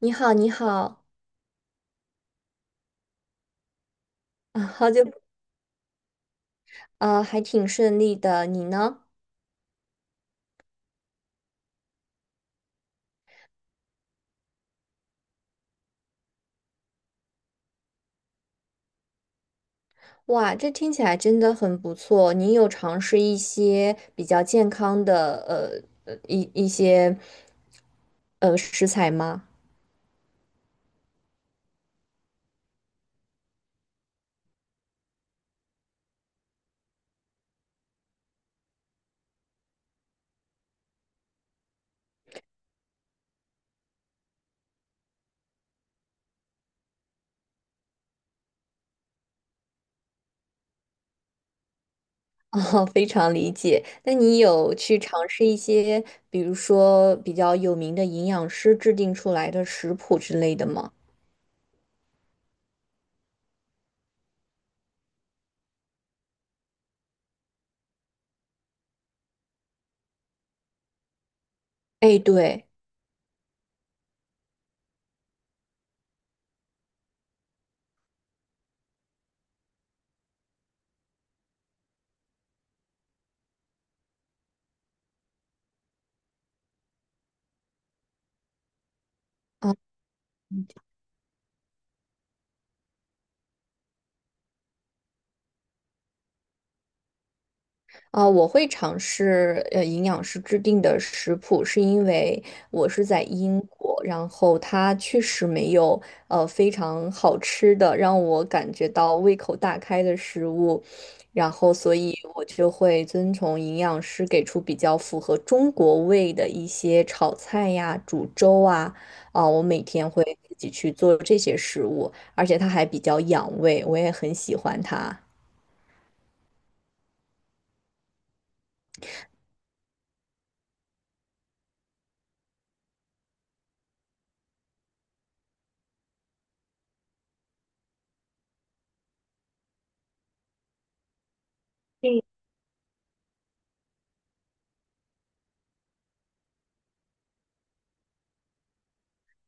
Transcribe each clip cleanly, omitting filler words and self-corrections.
你好，你好，啊，好久不啊，还挺顺利的，你呢？哇，这听起来真的很不错。你有尝试一些比较健康的，一些，食材吗？哦，非常理解。那你有去尝试一些，比如说比较有名的营养师制定出来的食谱之类的吗？哎，对。哦啊、我会尝试营养师制定的食谱，是因为我是在英国，然后它确实没有非常好吃的让我感觉到胃口大开的食物，然后所以我就会遵从营养师给出比较符合中国胃的一些炒菜呀、煮粥啊，啊、我每天会自己去做这些食物，而且它还比较养胃，我也很喜欢它。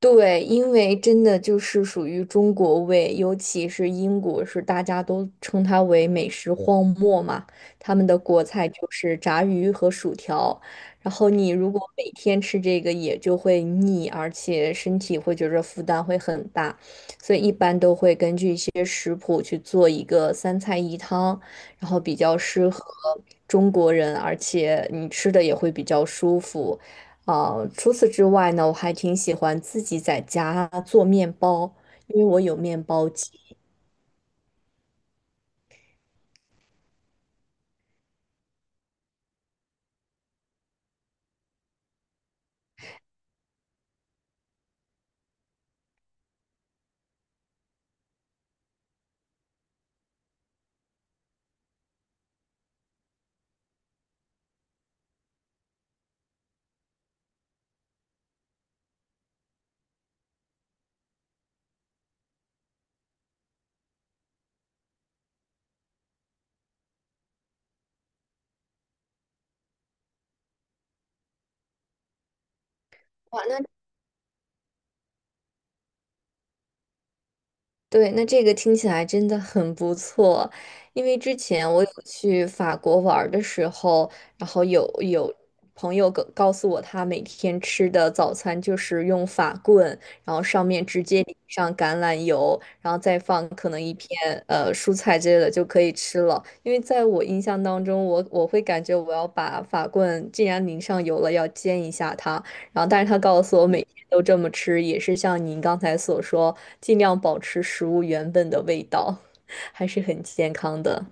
对，因为真的就是属于中国味，尤其是英国，是大家都称它为美食荒漠嘛。他们的国菜就是炸鱼和薯条，然后你如果每天吃这个，也就会腻，而且身体会觉得负担会很大，所以一般都会根据一些食谱去做一个三菜一汤，然后比较适合中国人，而且你吃的也会比较舒服。除此之外呢，我还挺喜欢自己在家做面包，因为我有面包机。哇那对，那这个听起来真的很不错，因为之前我有去法国玩儿的时候，然后有朋友告诉我，他每天吃的早餐就是用法棍，然后上面直接淋上橄榄油，然后再放可能一片蔬菜之类的就可以吃了。因为在我印象当中，我会感觉我要把法棍既然淋上油了，要煎一下它，然后，但是他告诉我，每天都这么吃，也是像您刚才所说，尽量保持食物原本的味道，还是很健康的。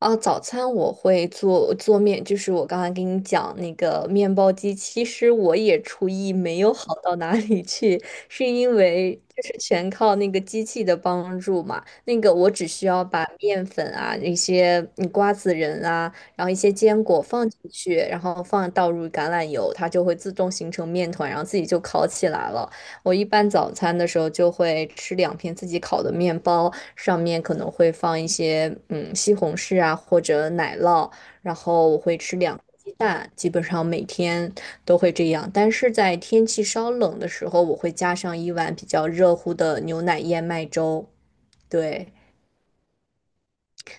哦，早餐我会做面，就是我刚才跟你讲那个面包机，其实我也厨艺没有好到哪里去，是因为就是全靠那个机器的帮助嘛。那个我只需要把面粉啊、一些瓜子仁啊，然后一些坚果放进去，然后放倒入橄榄油，它就会自动形成面团，然后自己就烤起来了。我一般早餐的时候就会吃两片自己烤的面包，上面可能会放一些西红柿啊或者奶酪，然后我会吃两个鸡蛋，基本上每天都会这样。但是在天气稍冷的时候，我会加上一碗比较热乎的牛奶燕麦粥。对，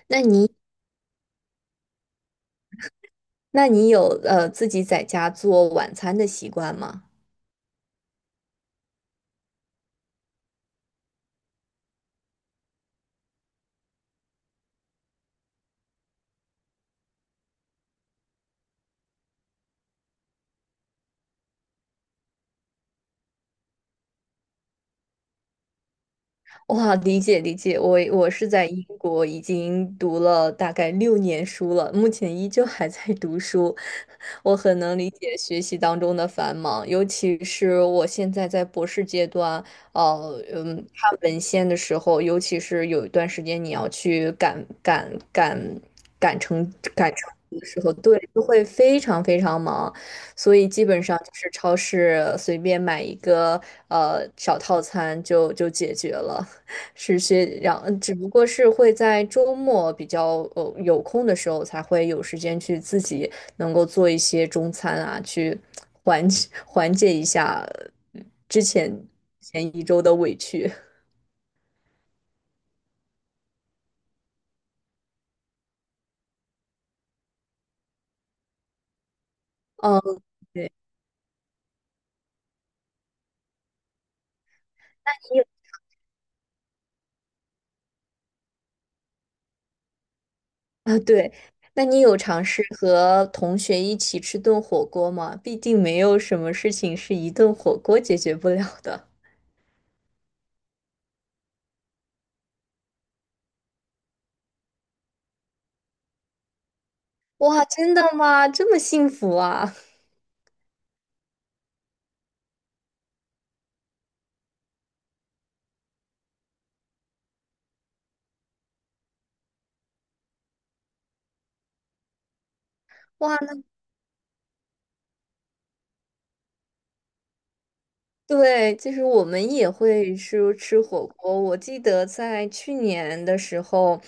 那你那你有自己在家做晚餐的习惯吗？哇，理解理解，我是在英国已经读了大概6年书了，目前依旧还在读书，我很能理解学习当中的繁忙，尤其是我现在在博士阶段，看文献的时候，尤其是有一段时间你要去赶成赶成的时候，对，就会非常非常忙。所以基本上就是超市随便买一个小套餐就解决了。是些，然后只不过是会在周末比较有空的时候，才会有时间去自己能够做一些中餐啊，去缓解缓解一下呃之前前一周的委屈。哦，对啊，对，那你有尝试和同学一起吃顿火锅吗？毕竟没有什么事情是一顿火锅解决不了的。哇，真的吗？这么幸福啊！哇，那。对，其实我们也会吃吃火锅。我记得在去年的时候，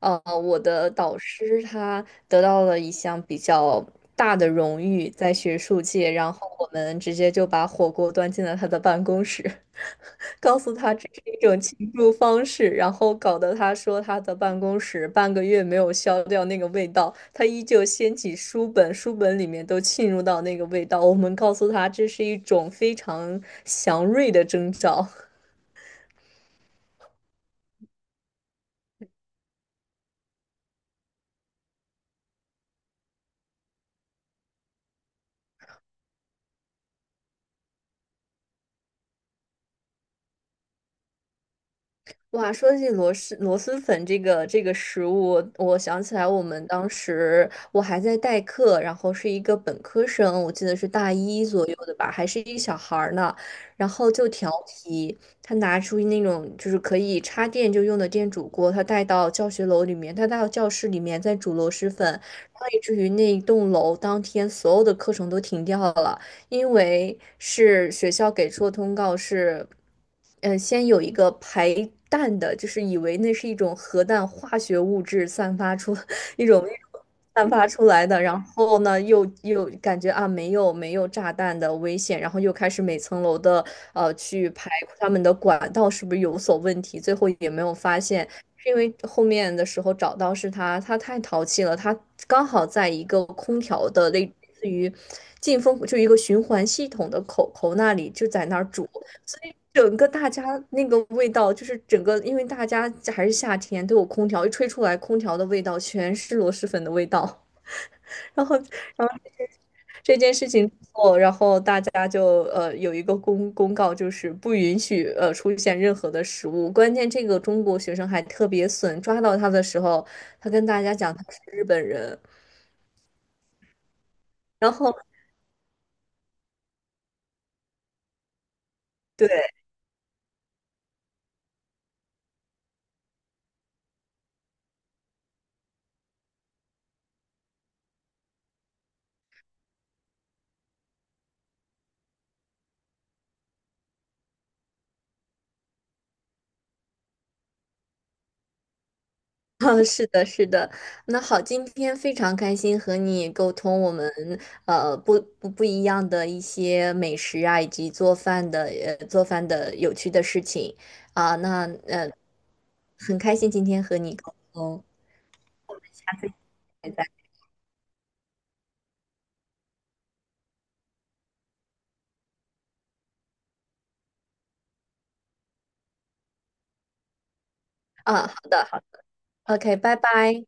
我的导师他得到了一项比较大的荣誉，在学术界，然后我们直接就把火锅端进了他的办公室。告诉他这是一种庆祝方式，然后搞得他说他的办公室半个月没有消掉那个味道，他依旧掀起书本，书本里面都浸入到那个味道。我们告诉他这是一种非常祥瑞的征兆。哇，说起螺蛳粉这个食物，我想起来我们当时我还在代课，然后是一个本科生，我记得是大一左右的吧，还是一个小孩儿呢，然后就调皮，他拿出那种就是可以插电就用的电煮锅，他带到教学楼里面，他带到教室里面在煮螺蛳粉，然后以至于那一栋楼当天所有的课程都停掉了。因为是学校给出的通告是，先有一个排氮的，就是以为那是一种核弹化学物质散发出 一种散发出来的，然后呢，又感觉啊没有炸弹的危险，然后又开始每层楼的去排他们的管道是不是有所问题，最后也没有发现。是因为后面的时候找到是他，他太淘气了，他刚好在一个空调的类似于进风，就一个循环系统的口那里就在那儿煮，整个大家那个味道就是整个，因为大家还是夏天都有空调，一吹出来空调的味道全是螺蛳粉的味道，然后。这件事情之后，然后大家就有一个公告，就是不允许出现任何的食物。关键这个中国学生还特别损，抓到他的时候，他跟大家讲他是日本人，然后。对，嗯是的，是的。那好，今天非常开心和你沟通我们不一样的一些美食啊，以及做饭的有趣的事情啊，那很开心今天和你沟通，下次再见。嗯，好的，好 OK 拜拜。